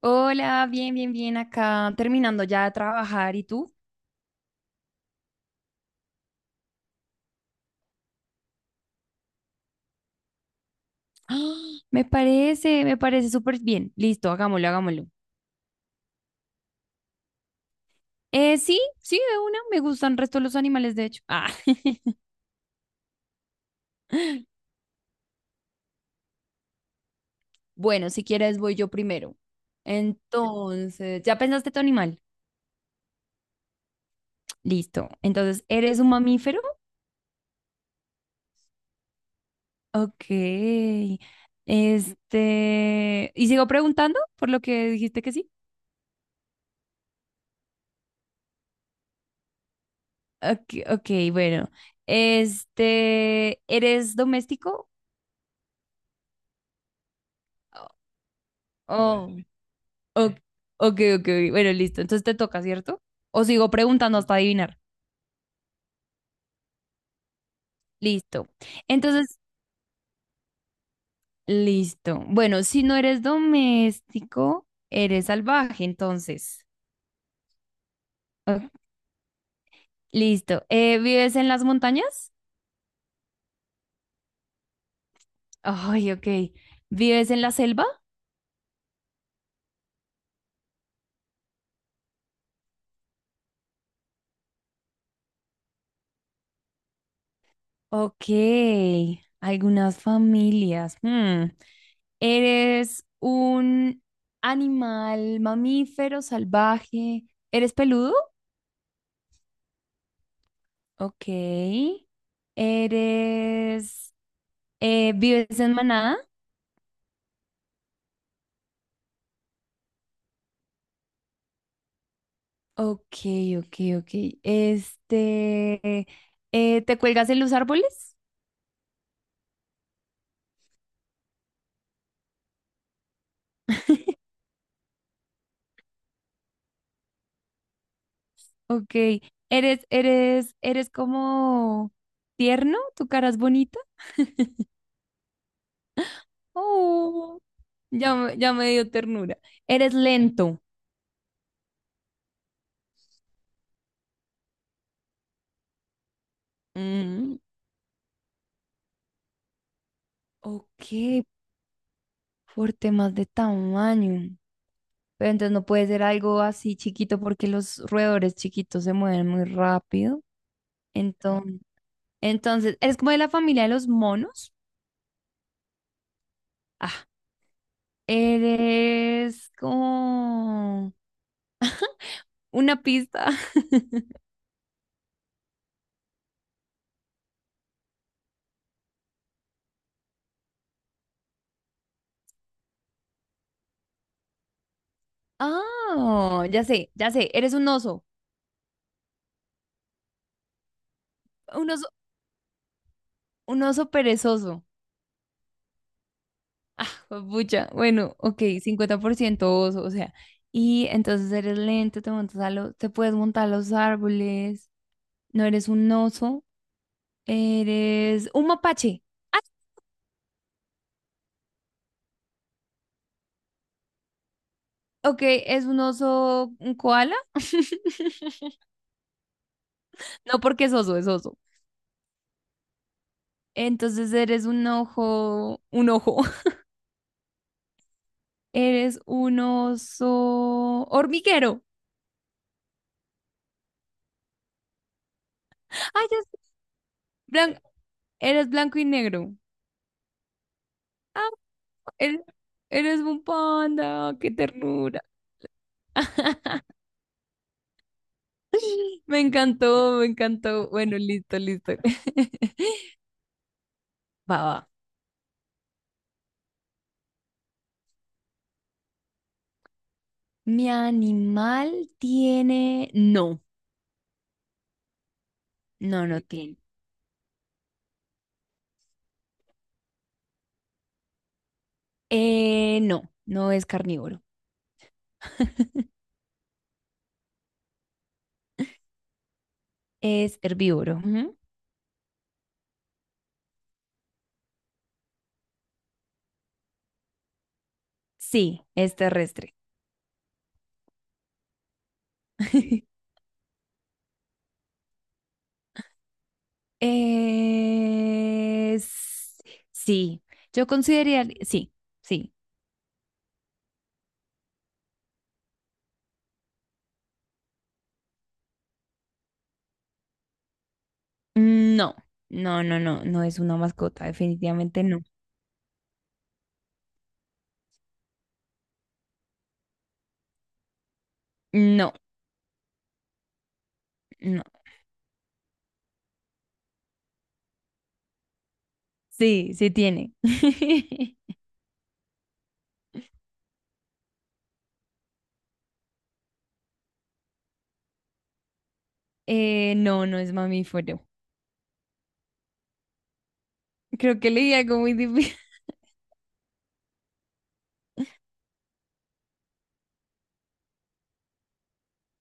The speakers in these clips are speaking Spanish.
Hola, bien, bien, bien acá, terminando ya de trabajar. ¿Y tú? ¡Ah! Me parece súper bien. Listo, hagámoslo, hagámoslo. Sí, sí, de una. Me gustan el resto de los animales, de hecho. Ah, bueno, si quieres voy yo primero. Entonces, ¿ya pensaste tu animal? Listo. Entonces, ¿eres un mamífero? Ok. Este, ¿y sigo preguntando por lo que dijiste que sí? Ok, ok, bueno. Este, ¿eres doméstico? Oh. Ok, ok, ok, ok. Bueno, listo. Entonces te toca, ¿cierto? O sigo preguntando hasta adivinar. Listo. Entonces, listo. Bueno, si no eres doméstico, eres salvaje, entonces. Ok, listo. ¿Vives en las montañas? Ay, ok. ¿Vives en la selva? Ok. Algunas familias. Hmm. ¿Eres un animal mamífero salvaje? ¿Eres peludo? Ok. Eres, ¿vives en Manada? Ok, ok, ok. Este, ¿te cuelgas en los árboles? Ok. ¿Eres como tierno? ¿Tu cara es bonita? Oh, ya, ya me dio ternura. ¿Eres lento? Mm, ok, por temas de tamaño. Pero entonces no puede ser algo así chiquito porque los roedores chiquitos se mueven muy rápido. Entonces, entonces, eres como de la familia de los monos. Ah, eres como una pista. Ah, ya sé, eres un oso. Un oso, un oso perezoso. Pucha, bueno, ok, 50% oso, o sea. Y entonces eres lento, te montas a los, te puedes montar a los árboles. No eres un oso, eres un mapache. Ah, ok, es un oso, un koala. No porque es oso, es oso. Entonces eres un ojo, eres un oso hormiguero. Ay, ya sé, blan- eres blanco y negro. Ah, eres, eres un panda, qué ternura. Me encantó, me encantó. Bueno, listo, listo. Va, va. Mi animal tiene... No, no, no tiene. No, no es carnívoro, es herbívoro. Ujú. Sí, es terrestre. Eh, s- sí, yo consideraría, sí, sí. No, no, no, no, no es una mascota, definitivamente no. No, no. Sí, sí tiene. No, no es mamífero. Creo que leí algo muy difícil.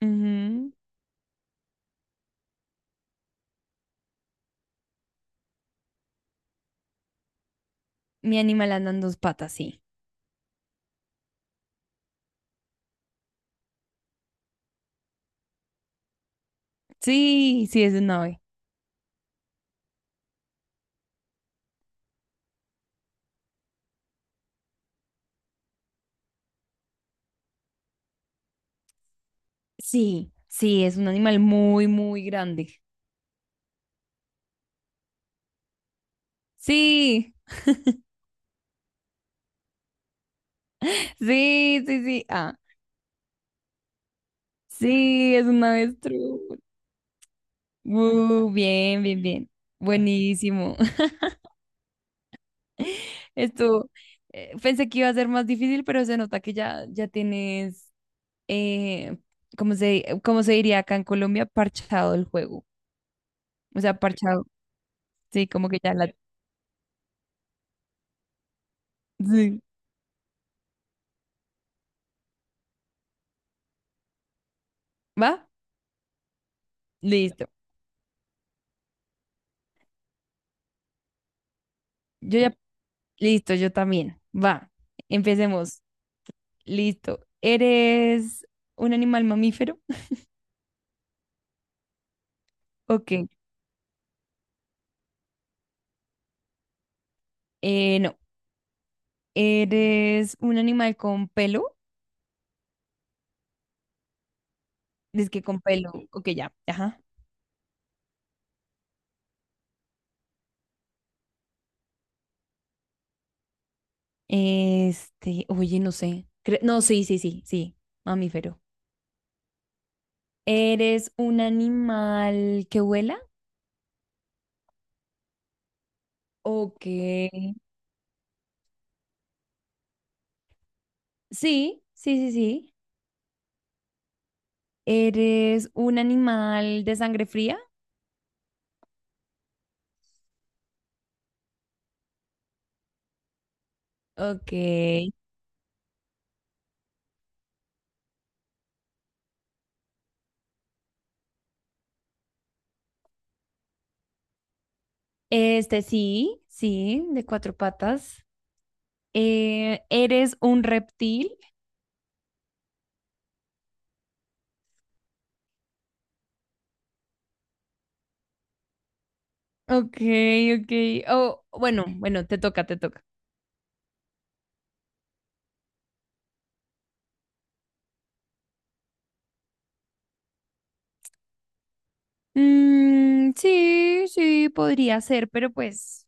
Ujú. Mi animal anda en 2 patas, sí. Sí, sí, es un ave. Sí, sí, es un animal muy, muy grande. Sí, sí, sí, sí. Ah, sí, es un avestruz. Bien, bien, bien. Buenísimo. Esto, pensé que iba a ser más difícil, pero se nota que ya, ya tienes, eh, ¿cómo se diría acá en Colombia? Parchado el juego. O sea, parchado. Sí, como que ya la... Sí. ¿Va? Listo. Yo ya... Listo, yo también. Va. Empecemos. Listo. ¿Eres un animal mamífero? Ok. No. ¿Eres un animal con pelo? Dice que con pelo. Ok, ya. Ajá. Este, oye, no sé. No, sí, sí, sí, sí, mamífero. ¿Eres un animal que vuela? Ok. Sí, sí, sí, sí. ¿Eres un animal de sangre fría? Ok. Este, sí, sí, de 4 patas. ¿Eres un reptil? Ok, ok. Oh, bueno, bueno, te toca, te toca. Mm, sí, sí, podría ser, pero pues...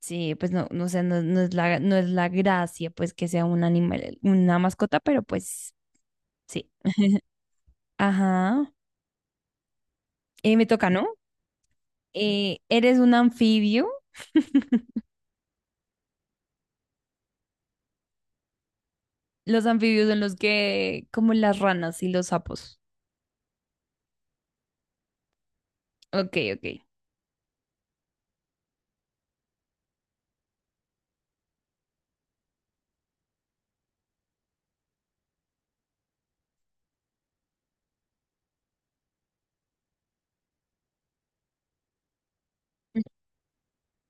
Sí, pues no, no sé, no, no es la gracia, pues que sea un animal, una mascota, pero pues sí. Ajá. Me toca, ¿no? ¿Eres un anfibio? Los anfibios son los que, como las ranas y los sapos. Ok, ok.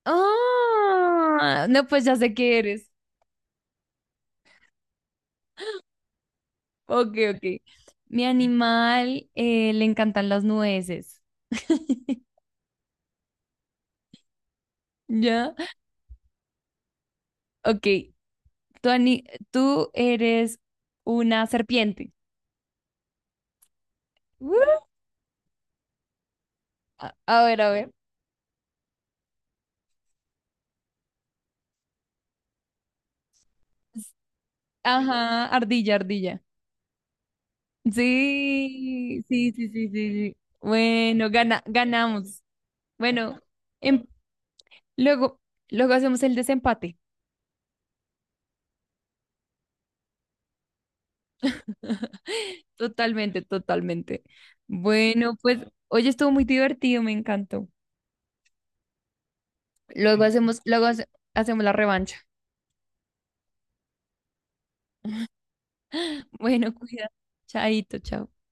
Ah, no, pues ya sé qué eres. Ok, ok. Mi animal le encantan las nueces. ¿Ya? Ok. Tú, ani- tú eres una serpiente. ¡Uh! A ver, a ver. Ajá, ardilla, ardilla. Sí, sí, sí, sí, sí, sí. Bueno, gana, ganamos. Bueno, em- luego, luego hacemos el desempate. Totalmente, totalmente. Bueno, pues, hoy estuvo muy divertido, me encantó. Luego hacemos la revancha. Bueno, cuida. Chaito, chao.